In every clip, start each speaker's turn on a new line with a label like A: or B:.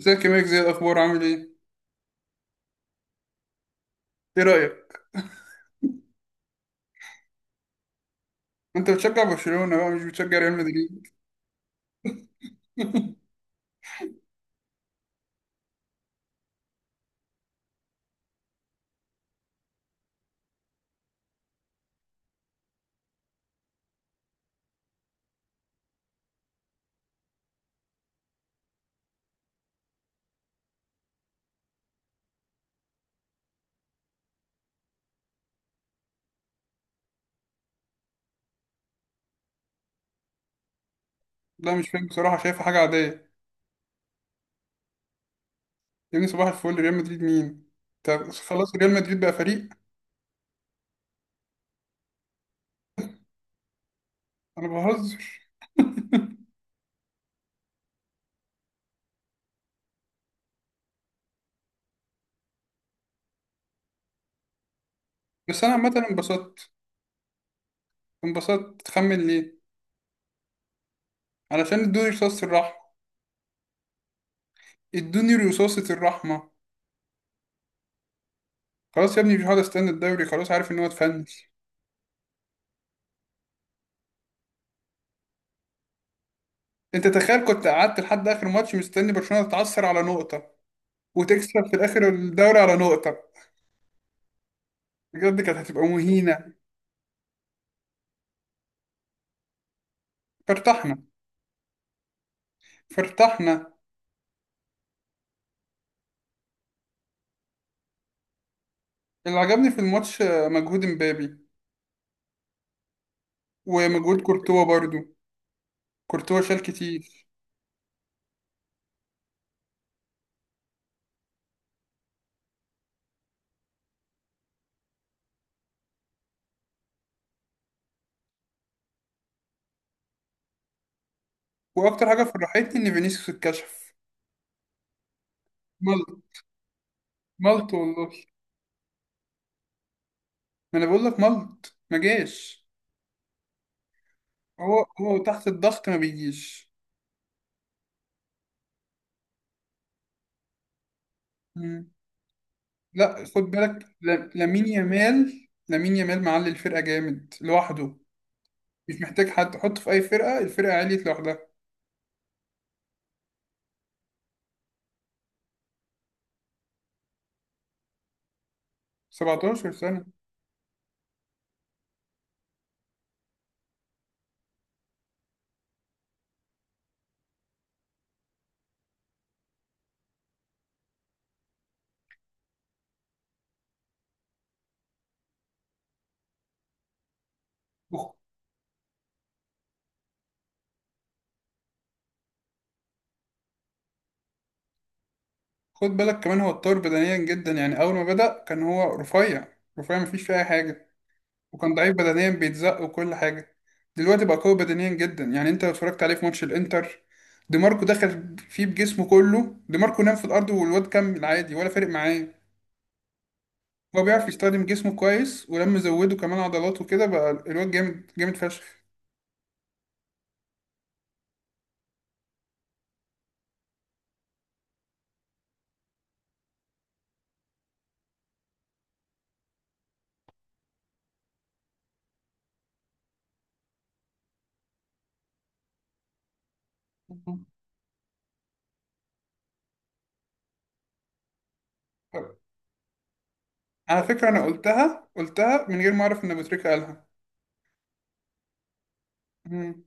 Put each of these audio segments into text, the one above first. A: ازيك يا ميك؟ زي الاخبار، عامل ايه؟ ايه رايك؟ انت بتشجع برشلونه بقى، مش بتشجع ريال مدريد؟ لا مش فاهم بصراحه، شايفها حاجه عاديه. يا ابني صباح الفل، ريال مدريد مين؟ طب خلاص، ريال مدريد بقى فريق. انا بهزر. بس انا عامه انبسطت. انبسطت، تخمن ليه؟ علشان ادوني رصاصه الرحمه. ادوني رصاصه الرحمه. خلاص يا ابني، مش هقعد استنى الدوري، خلاص عارف ان هو اتفنش. انت تخيل كنت قعدت لحد اخر ماتش مستني برشلونه تتعثر على نقطه، وتكسب في الاخر الدوري على نقطه. بجد كانت هتبقى مهينه. فارتحنا. فارتحنا. اللي عجبني في الماتش مجهود مبابي. ومجهود كورتوا برضو. كورتوا شال كتير. واكتر حاجه فرحتني ان فينيسيوس اتكشف ملط. ملط والله. ما انا بقول لك ملط، ما جاش. هو تحت الضغط ما بيجيش. مم. لا خد بالك، لامين يامال لامين يامال معلي الفرقه جامد لوحده. مش محتاج حد حطه في اي فرقه، الفرقه عليت لوحدها. 17 سنه. خد بالك كمان هو اتطور بدنيا جدا، يعني أول ما بدأ كان هو رفيع. رفيع مفيش فيه أي حاجة. وكان ضعيف بدنيا، بيتزق وكل حاجة. دلوقتي بقى قوي بدنيا جدا، يعني أنت لو اتفرجت عليه في ماتش الإنتر. دي ماركو دخل فيه بجسمه كله، دي ماركو نام في الأرض والواد كمل عادي ولا فارق معاه. هو بيعرف يستخدم جسمه كويس، ولما زوده كمان عضلات وكده بقى الواد جامد جامد فشخ. على فكرة أنا قلتها، قلتها من غير ما أعرف إن أبو تريكة قالها. مم.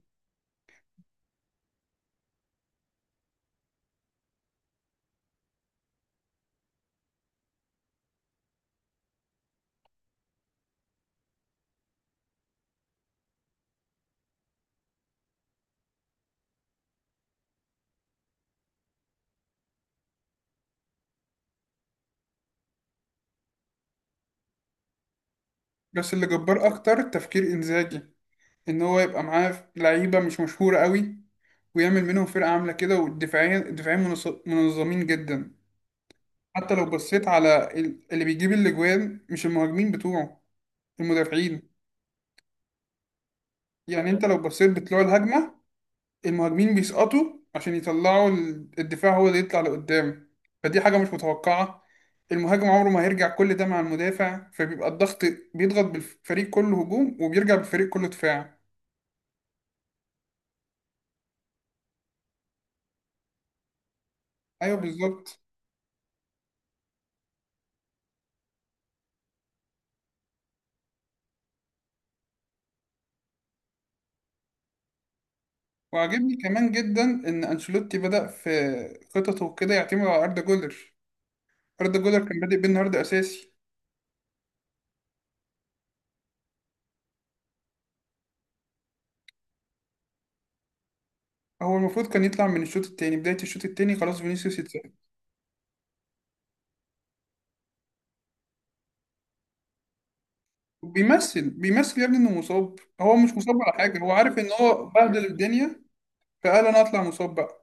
A: بس اللي جبار أكتر تفكير إنزاجي، ان هو يبقى معاه لعيبه مش مشهوره قوي، ويعمل منهم فرقه عامله كده، والدفاعين الدفاعين منظمين جدا. حتى لو بصيت على اللي بيجيب الاجوان، مش المهاجمين بتوعه، المدافعين. يعني انت لو بصيت بطلوع الهجمه، المهاجمين بيسقطوا عشان يطلعوا، الدفاع هو اللي يطلع لقدام. فدي حاجه مش متوقعه. المهاجم عمره ما هيرجع كل ده مع المدافع، فبيبقى الضغط بيضغط بالفريق كله هجوم، وبيرجع بالفريق كله دفاع. ايوه بالظبط. وعاجبني كمان جدا ان انشيلوتي بدأ في خططه كده يعتمد على اردا جولر. اردا جولر كان بادئ بالنهارده اساسي. هو المفروض كان يطلع من الشوط التاني، بداية الشوط التاني خلاص فينيسيوس يتسحب. وبيمثل بيمثل يا ابني انه مصاب، هو مش مصاب على حاجة، هو عارف ان هو بهدل الدنيا، فقال انا اطلع مصاب بقى.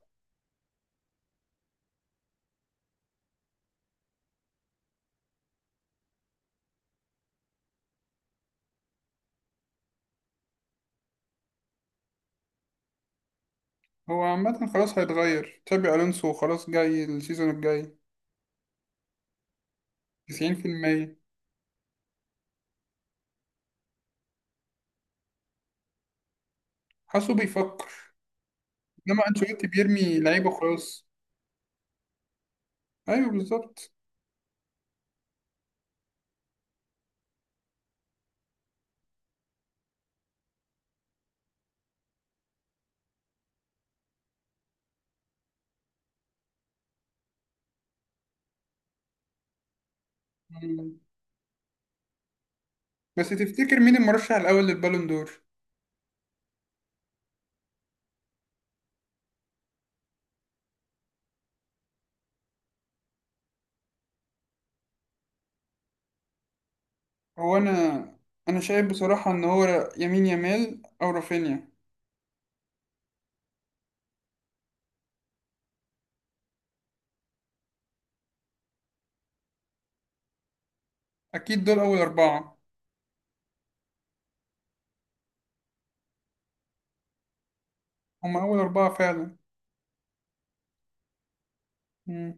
A: هو عامة خلاص هيتغير، تشابي الونسو خلاص جاي السيزون الجاي. 90%. حاسه بيفكر. انما انشيلوتي بيرمي لعيبه خلاص. ايوه بالظبط. بس تفتكر مين المرشح الأول للبالون دور؟ هو أنا شايف بصراحة إن هو يمين يامال أو رافينيا. أكيد دول أول أربعة. هما أول أربعة فعلا. مم.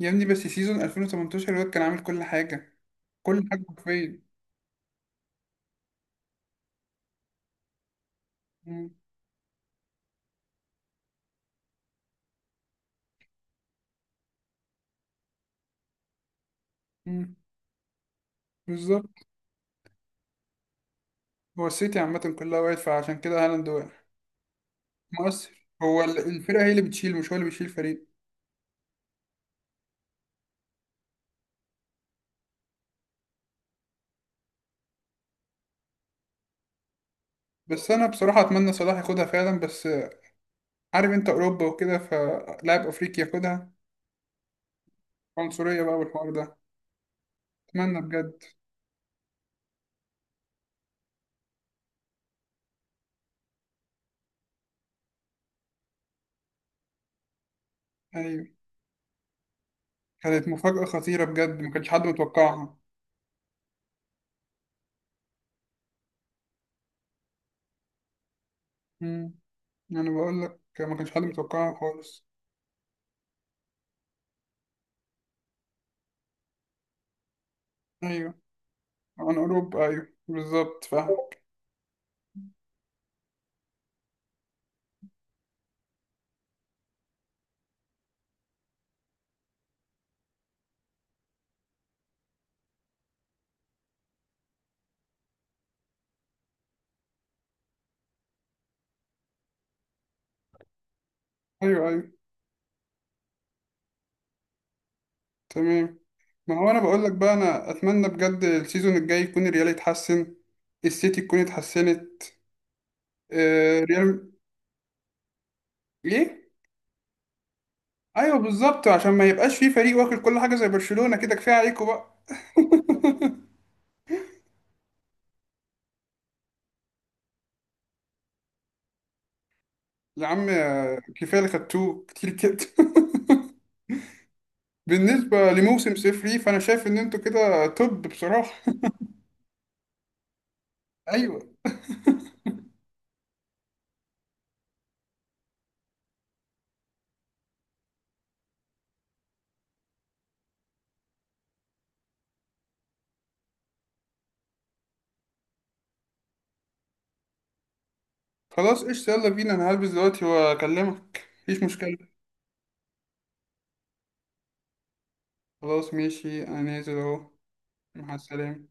A: يا ابني بس سيزون 2018 الواد كان عامل كل حاجة. كل حاجة حرفيا. مم. مم. بالظبط. هو السيتي عامة كلها وقعت، فعشان كده هالاند وقع. مؤثر، هو الفرقة هي اللي بتشيل، مش هو اللي بيشيل فريق. بس أنا بصراحة أتمنى صلاح ياخدها فعلا، بس عارف أنت أوروبا وكده، فلاعب أفريقي ياخدها. عنصرية بقى والحوار ده. اتمنى بجد. ايوه. كانت مفاجأة خطيرة بجد، ما كانش حد متوقعها. امم. انا بقول لك ما كانش حد متوقعها خالص. ايوه. عن اوروبا، ايوه بالظبط فاهم. ايوه ايوه. تمام. ما هو انا بقول لك بقى، انا اتمنى بجد السيزون الجاي يكون الريال يتحسن، السيتي تكون اتحسنت. آه ريال. ليه؟ ايوه بالظبط، عشان ما يبقاش في فريق واكل كل حاجة زي برشلونة كده، كفاية عليكم بقى. يا عم، كفاية اللي خدتوه كتير كده. بالنسبة لموسم صفر ليه، فأنا شايف إن أنتوا كده طب بصراحة. أيوه. خلاص قشطة، يلا بينا، أنا هلبس دلوقتي وأكلمك، مفيش مشكلة. خلاص ماشي، أنا نازل أهو. مع السلامة.